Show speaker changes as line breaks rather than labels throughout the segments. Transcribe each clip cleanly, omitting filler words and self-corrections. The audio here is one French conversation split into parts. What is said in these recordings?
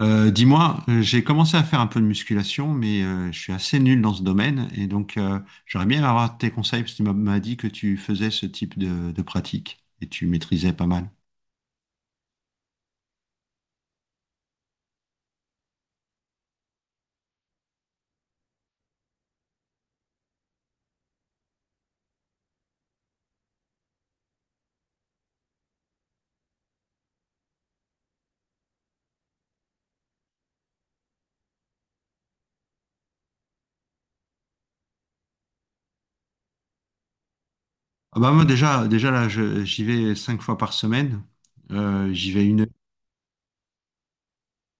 J'ai commencé à faire un peu de musculation, mais je suis assez nul dans ce domaine, et j'aurais bien aimé avoir tes conseils, parce que tu m'as dit que tu faisais ce type de pratique, et tu maîtrisais pas mal. Ah bah moi déjà là, j'y vais cinq fois par semaine. Euh, j'y vais une,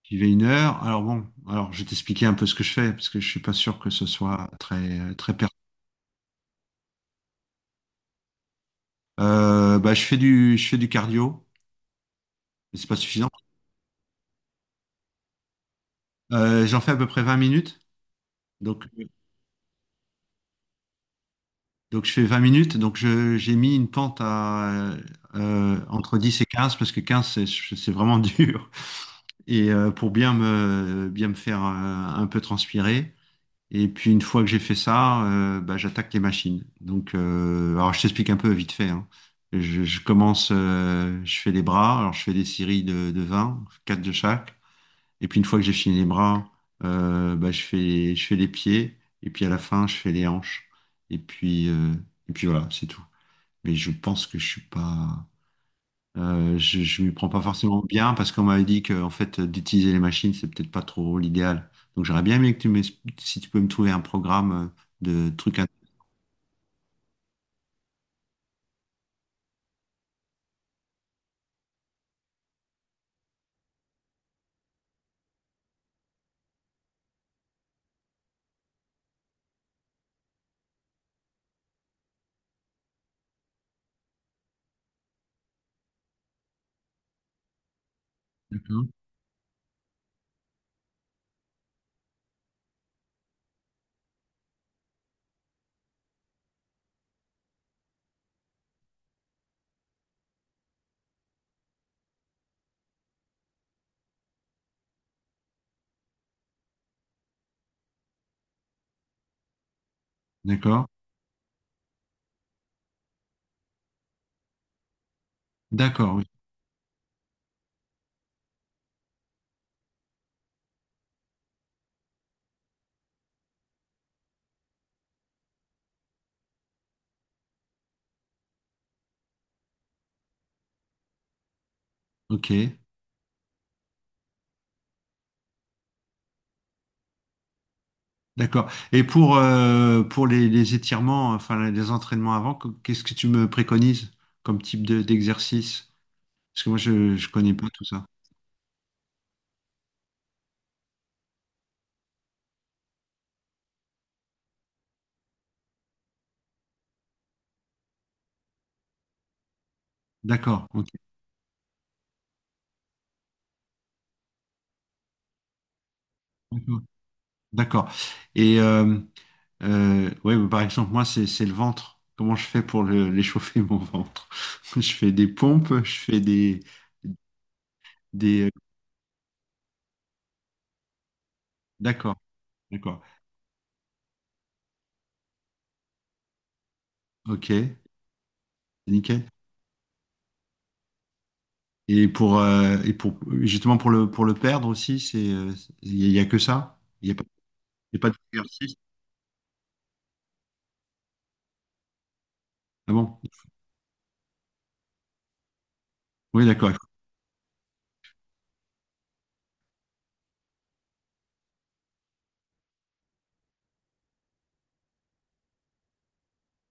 J'y vais une heure. Alors bon, alors je vais t'expliquer un peu ce que je fais, parce que je suis pas sûr que ce soit très très pertinent. Bah je fais je fais du cardio, mais c'est pas suffisant. J'en fais à peu près 20 minutes, donc. Donc je fais 20 minutes, j'ai mis une pente à entre 10 et quinze, parce que 15 c'est vraiment dur, et pour bien me faire un peu transpirer. Et puis une fois que j'ai fait ça, bah, j'attaque les machines. Alors je t'explique un peu vite fait, hein. Je commence, je fais les bras, alors je fais des séries de 20 4 de chaque. Et puis une fois que j'ai fini les bras, bah, je fais les pieds. Et puis à la fin, je fais les hanches. Et puis, euh, et puis voilà, c'est tout. Mais je pense que je suis pas, je m'y prends pas forcément bien, parce qu'on m'avait dit que en fait d'utiliser les machines, c'est peut-être pas trop l'idéal. Donc j'aurais bien aimé que tu m'expliques si tu peux me trouver un programme de trucs à... D'accord? D'accord, oui. Ok. D'accord. Et pour les étirements, enfin les entraînements avant, qu'est-ce que tu me préconises comme type d'exercice? Parce que moi, je ne connais pas tout ça. D'accord. Ok. D'accord. D'accord. Et euh, ouais, Bah, par exemple, moi, c'est le ventre. Comment je fais pour l'échauffer, mon ventre? Je fais des pompes, je fais des... D'accord. D'accord. Ok. Nickel. Et pour justement pour pour le perdre aussi, il n'y a que ça? Il y a pas... Et pas d'exercice. Ah bon? Oui, d'accord.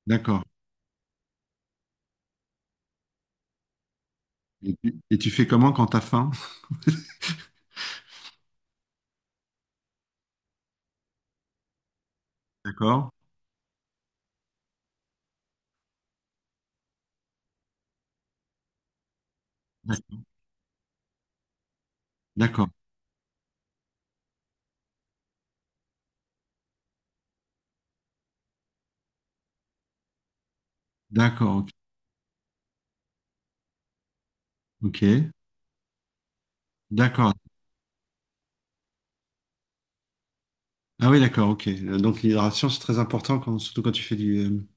D'accord. Et tu fais comment quand t'as faim? D'accord. D'accord. D'accord. Ok. Ok. D'accord. Ah oui, d'accord. Ok. Donc l'hydratation, c'est très important, surtout quand tu fais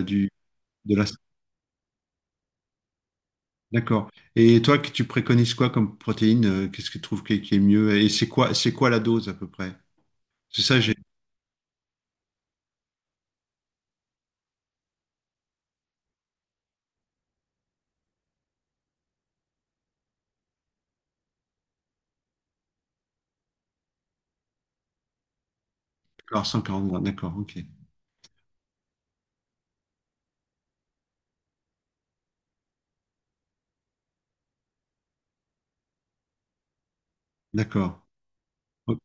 du de la. D'accord. Et toi, que tu préconises quoi comme protéine? Qu'est-ce que tu trouves qui est mieux? Et c'est quoi la dose à peu près? C'est ça, j'ai. D'accord, 140 grammes. D'accord. Ok. D'accord. Ok.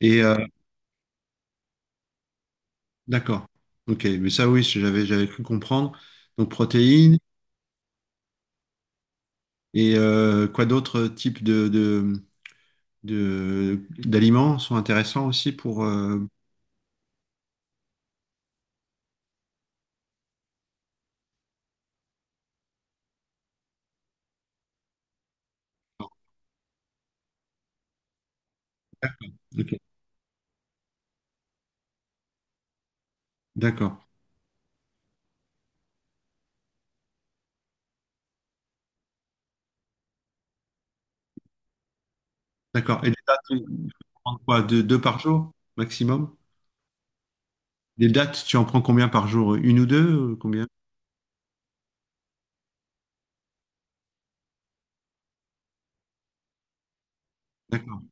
Et euh, d'accord. Ok. Mais ça, oui, j'avais cru comprendre. Donc protéines. Quoi d'autres types de- d'aliments sont intéressants aussi pour... D'accord. Ok. D'accord. D'accord. Et les dates, tu prends quoi? Deux par jour maximum? Les dates, tu en prends combien par jour? Une ou deux? Combien? D'accord.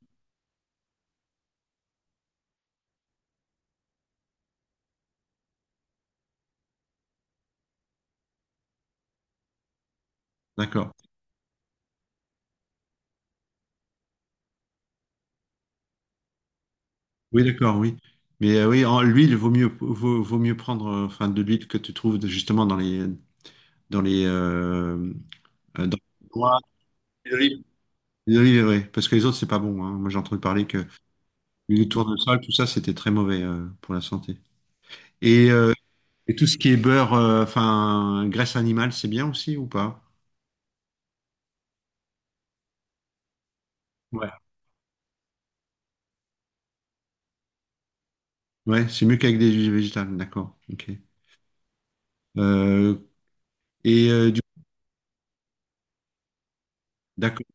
D'accord. Oui, d'accord, oui. Oui, en, l'huile, vaut mieux prendre enfin, de l'huile que tu trouves justement dans les... Dans les euh, Dans les noix, l'huile d'olive. L'huile d'olive, oui. Parce que les autres, c'est pas bon, hein. Moi, j'ai entendu parler que... Huile de tournesol, tout ça, c'était très mauvais pour la santé. Et, euh, et tout ce qui est beurre, enfin, graisse animale, c'est bien aussi ou pas? Ouais. Ouais, c'est mieux qu'avec des huiles végétales, d'accord. Ok. Euh, et du D'accord,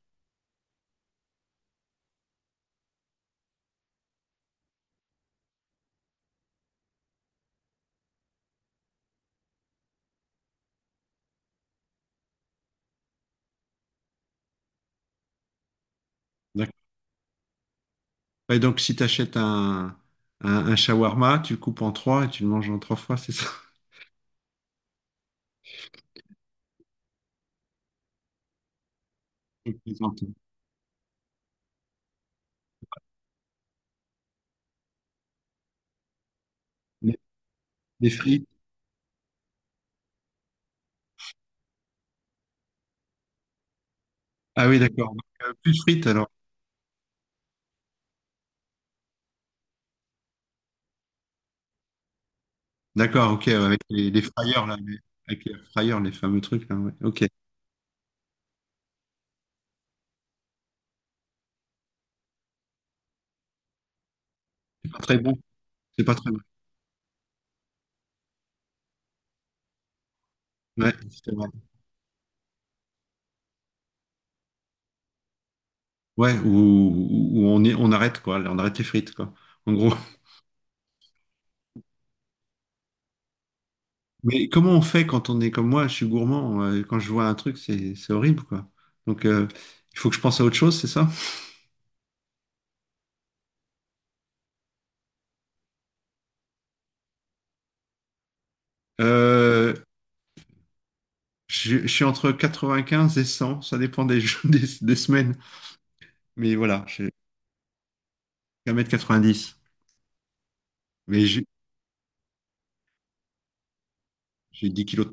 d'accord. Ouais, donc, si tu achètes un shawarma, tu le coupes en trois et tu le manges en trois fois, c'est ça? Je plaisante. Des, des frites. Ah oui, d'accord. Donc, plus de frites alors. D'accord, ok, ouais, avec les fryers, avec les fryers, les fameux trucs, là, ouais. Ok. C'est pas très bon. C'est pas très bon. Ouais, c'est vrai. Ouais, on est, on arrête quoi, on arrête les frites quoi, en gros. Mais comment on fait quand on est comme moi, je suis gourmand, quand je vois un truc, c'est horrible quoi. Donc euh, il faut que je pense à autre chose, c'est ça? Euh, je suis entre 95 et 100, ça dépend des semaines. Mais voilà, j'ai un mètre quatre-vingt-dix. mais j'ai j'ai 10 kg.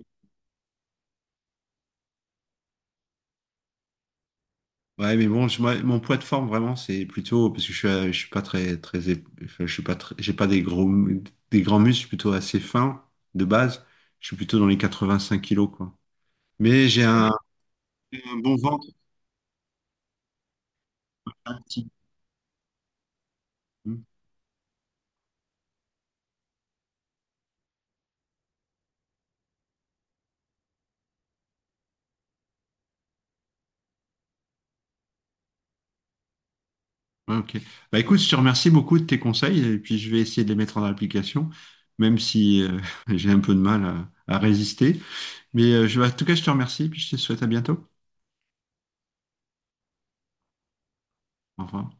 Ouais, mais bon, moi, mon poids de forme vraiment, c'est plutôt parce que je suis pas très, j'ai pas des des grands muscles, je suis plutôt assez fin de base. Je suis plutôt dans les 85 kilos, quoi. Mais j'ai un, Ouais, un bon ventre. un petit- Hmm. Ouais, ok. Bah écoute, je te remercie beaucoup de tes conseils et puis je vais essayer de les mettre en application, même si j'ai un peu de mal à résister. En tout cas, je te remercie puis je te souhaite à bientôt. Au revoir.